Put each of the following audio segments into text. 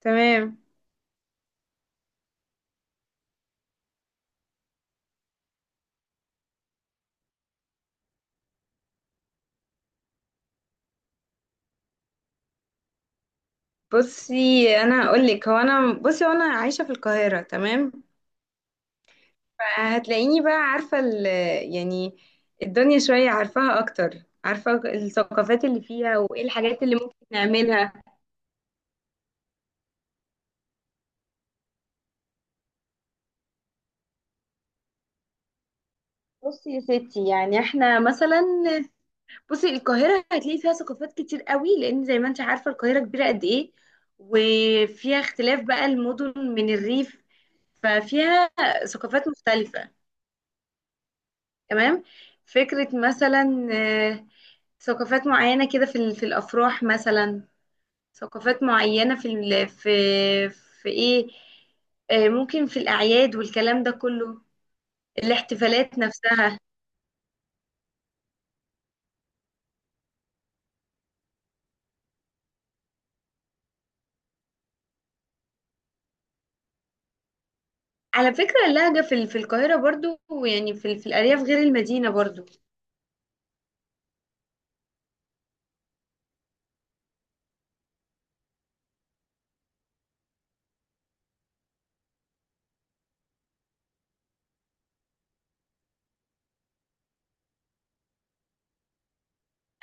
تمام. بصي انا اقول لك، هو انا بصي وانا عايشه في القاهره، تمام. فهتلاقيني بقى عارفه يعني الدنيا شويه، عارفاها اكتر، عارفه الثقافات اللي فيها وايه الحاجات اللي ممكن نعملها. بصي يا ستي، يعني احنا مثلا، بصي القاهره هتلاقي فيها ثقافات كتير قوي، لان زي ما انت عارفه القاهره كبيره قد ايه، وفيها اختلاف بقى، المدن من الريف، ففيها ثقافات مختلفه. تمام. فكرة مثلا، آه، ثقافات معينة كده في الأفراح مثلا، ثقافات معينة في إيه، ممكن في الأعياد والكلام ده كله، الاحتفالات نفسها. على فكرة اللهجة في القاهرة برضو، يعني في الأرياف غير المدينة برضو.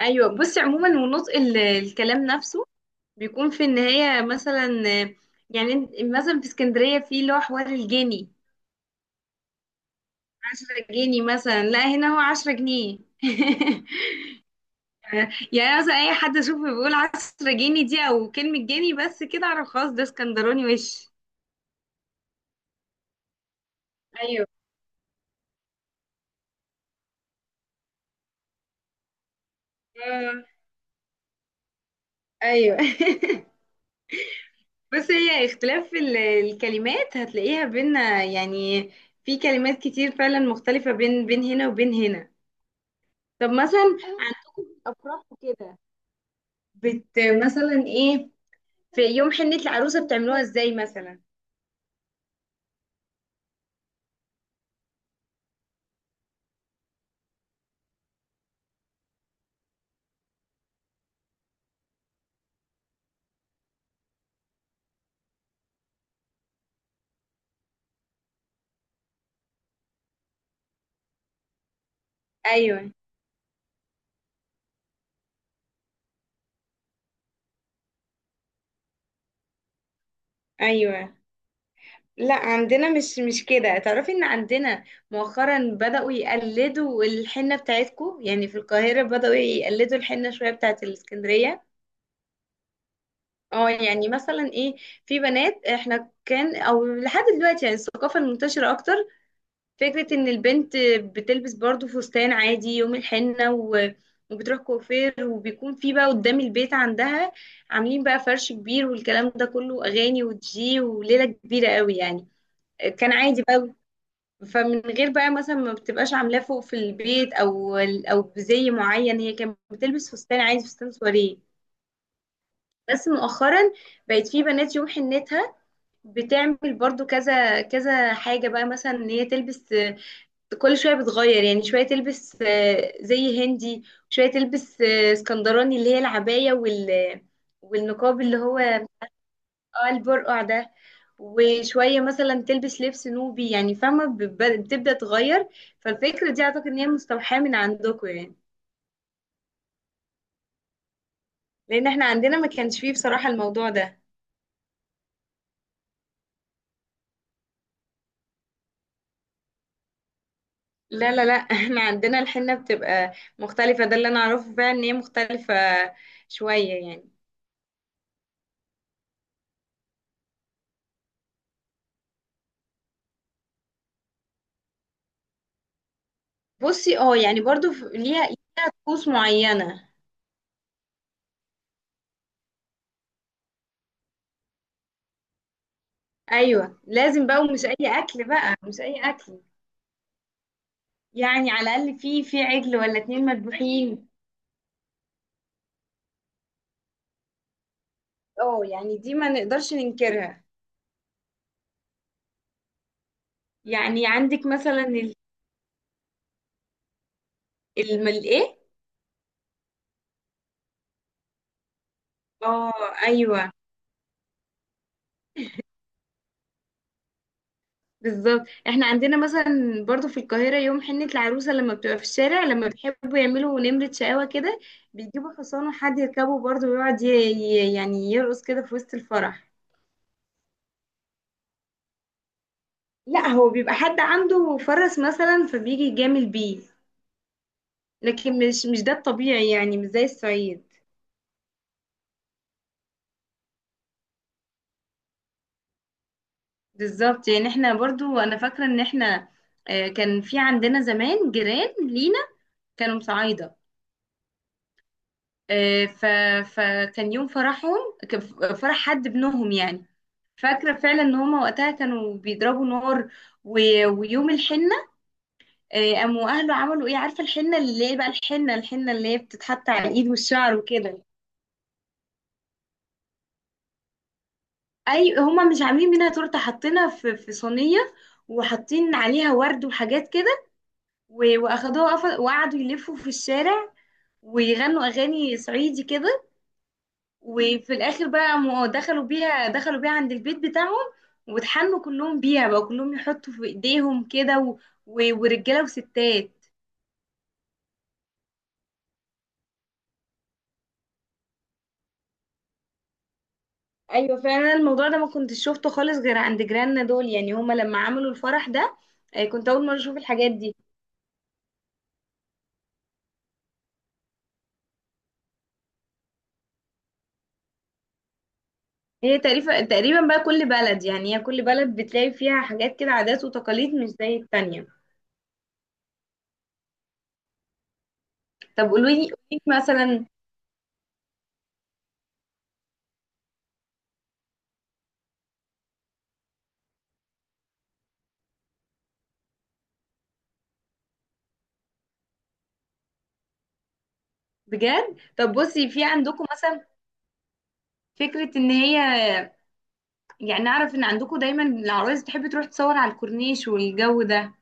أيوة، بصي عموما، ونطق الكلام نفسه بيكون في النهاية مثلا، آه، يعني مثلا في اسكندرية في، اللي هو حوار الجني، 10 جنيه مثلا، لا هنا هو 10 جنيه. يعني مثلا، اي حد اشوفه بيقول 10 جنيه دي او كلمة جنيه بس، كده اعرف خلاص، ده اسكندراني وش. ايوه، آه، ايوه. بس هي اختلاف الكلمات هتلاقيها بينا، يعني في كلمات كتير فعلا مختلفة، بين بين هنا وبين هنا. طب مثلا، عن- بت مثلا ايه، في يوم حنة العروسة بتعملوها ازاي مثلا؟ ايوه، ايوه. لا، عندنا مش كده، تعرفي ان عندنا مؤخرا بدأوا يقلدوا الحنة بتاعتكو، يعني في القاهرة بدأوا يقلدوا الحنة شوية بتاعت الاسكندرية. اه، يعني مثلا ايه، في بنات احنا كان او لحد دلوقتي يعني الثقافة المنتشرة اكتر فكرة ان البنت بتلبس برضو فستان عادي يوم الحنة وبتروح كوافير، وبيكون في بقى قدام البيت عندها عاملين بقى فرش كبير، والكلام ده كله اغاني ودجي وليلة كبيرة قوي يعني. كان عادي بقى. فمن غير بقى مثلا ما بتبقاش عاملاه فوق في البيت او بزي معين، هي كانت بتلبس فستان عادي، فستان سواريه. بس مؤخرا بقت في بنات يوم حنتها بتعمل برضو كذا كذا حاجة بقى، مثلا ان هي تلبس، كل شوية بتغير يعني، شوية تلبس زي هندي، شوية تلبس اسكندراني اللي هي العباية والنقاب اللي هو، اه البرقع ده، وشوية مثلا تلبس لبس نوبي، يعني فاهمة، بتبدأ تغير. فالفكرة دي أعتقد إن هي مستوحاة من عندكم يعني، لأن احنا عندنا ما كانش فيه بصراحة الموضوع ده. لا، لا، لا. احنا عندنا الحنة بتبقى مختلفة، ده اللي أنا أعرفه فعلا، إن هي مختلفة شوية يعني. بصي، اه يعني برضو، ليها طقوس معينة. أيوة، لازم بقى، ومش أي أكل بقى، مش أي أكل. يعني على الأقل في عجل ولا اتنين مذبوحين. اه يعني دي ما نقدرش ننكرها. يعني عندك مثلا الايه. اه، ايوه، بالظبط. احنا عندنا مثلا برضو في القاهره يوم حنه العروسه، لما بتبقى في الشارع، لما بيحبوا يعملوا نمره شقاوه كده، بيجيبوا حصان وحد يركبه برضو ويقعد يعني يرقص كده في وسط الفرح. لا، هو بيبقى حد عنده فرس مثلا فبيجي يجامل بيه، لكن مش ده الطبيعي، يعني مش زي الصعيد. بالظبط، يعني احنا برضو انا فاكره ان احنا، كان في عندنا زمان جيران لينا كانوا مصعايده، آه، ف... فكان يوم فرحهم، كان فرح حد ابنهم يعني، فاكرة فعلا ان هما وقتها كانوا بيضربوا نار، و... ويوم الحنة، قاموا اهله عملوا ايه، عارفة الحنة اللي هي بقى، الحنة اللي هي بتتحط على الايد والشعر وكده. اي، هما مش عاملين منها تورتة، حاطينها في صينية، وحاطين عليها ورد وحاجات كده، واخدوها وقعدوا يلفوا في الشارع ويغنوا اغاني صعيدي كده. وفي الاخر بقى، دخلوا بيها عند البيت بتاعهم، واتحنوا كلهم بيها بقى، كلهم يحطوا في ايديهم كده، ورجاله وستات. ايوه، فعلا الموضوع ده ما كنتش شفته خالص غير عند جيراننا دول، يعني هما لما عملوا الفرح ده كنت اول مره اشوف الحاجات دي. هي تقريبا تقريبا بقى، كل بلد يعني، هي كل بلد بتلاقي فيها حاجات كده، عادات وتقاليد مش زي التانية. طب، قولوا لي قولي لي مثلا. بجد، طب بصي، في عندكم مثلا فكرة ان هي، يعني اعرف ان عندكم دايما العرايس بتحب تروح تصور على الكورنيش والجو ده،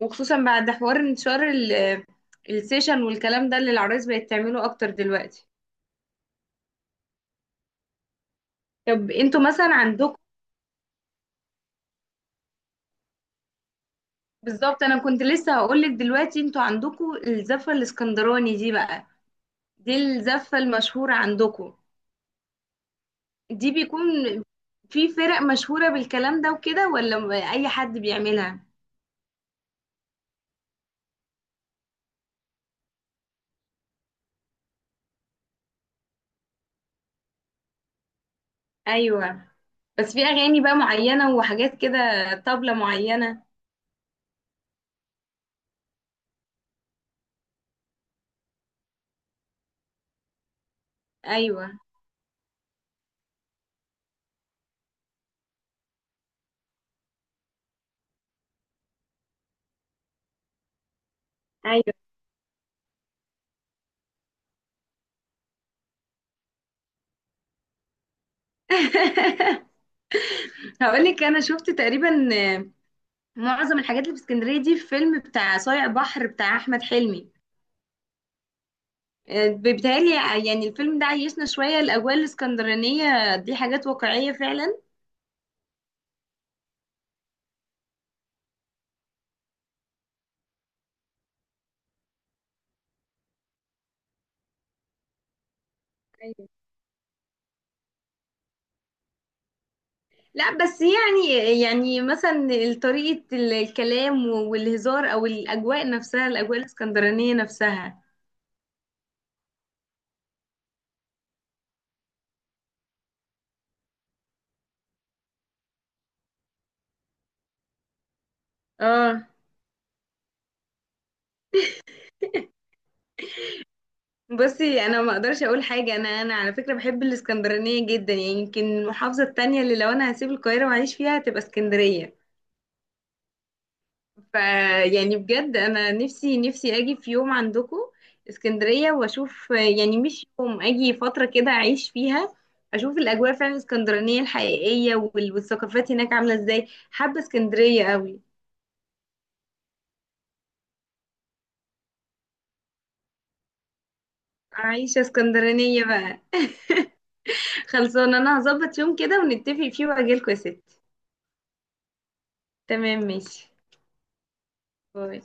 وخصوصا بعد حوار انتشار السيشن والكلام ده، اللي العرايس بقت تعمله اكتر دلوقتي. طب انتوا مثلا عندكم، بالظبط انا كنت لسه هقولك دلوقتي، انتوا عندكم الزفة الاسكندراني دي بقى، دي الزفة المشهورة عندكم. دي بيكون في فرق مشهورة بالكلام ده وكده، ولا اي حد بيعملها؟ ايوه، بس في اغاني بقى معينة وحاجات كده، طبلة معينة. ايوه. هقول لك انا شفت تقريبا، آه، معظم الحاجات اللي في اسكندريه دي في فيلم بتاع صايع بحر بتاع احمد حلمي، بيتهيألي يعني الفيلم ده عيشنا شويه الاجواء الاسكندرانيه دي، حاجات واقعيه فعلا. أيوة. لا بس يعني مثلا، طريقه الكلام والهزار، او الاجواء الاسكندرانيه نفسها. اه، بصي انا ما اقدرش اقول حاجه، انا على فكره بحب الاسكندرانيه جدا، يعني يمكن المحافظه التانية اللي لو انا هسيب القاهره واعيش فيها هتبقى اسكندريه. ف يعني بجد انا نفسي نفسي اجي في يوم عندكم اسكندريه واشوف، يعني مش يوم اجي فتره كده اعيش فيها، اشوف الاجواء فعلا الاسكندرانيه الحقيقيه والثقافات هناك عامله ازاي، حابه اسكندريه قوي. عايشه اسكندرانيه بقى. خلصانه، انا هظبط يوم كده ونتفق فيه واجيلكوا يا ستي. تمام، ماشي، باي.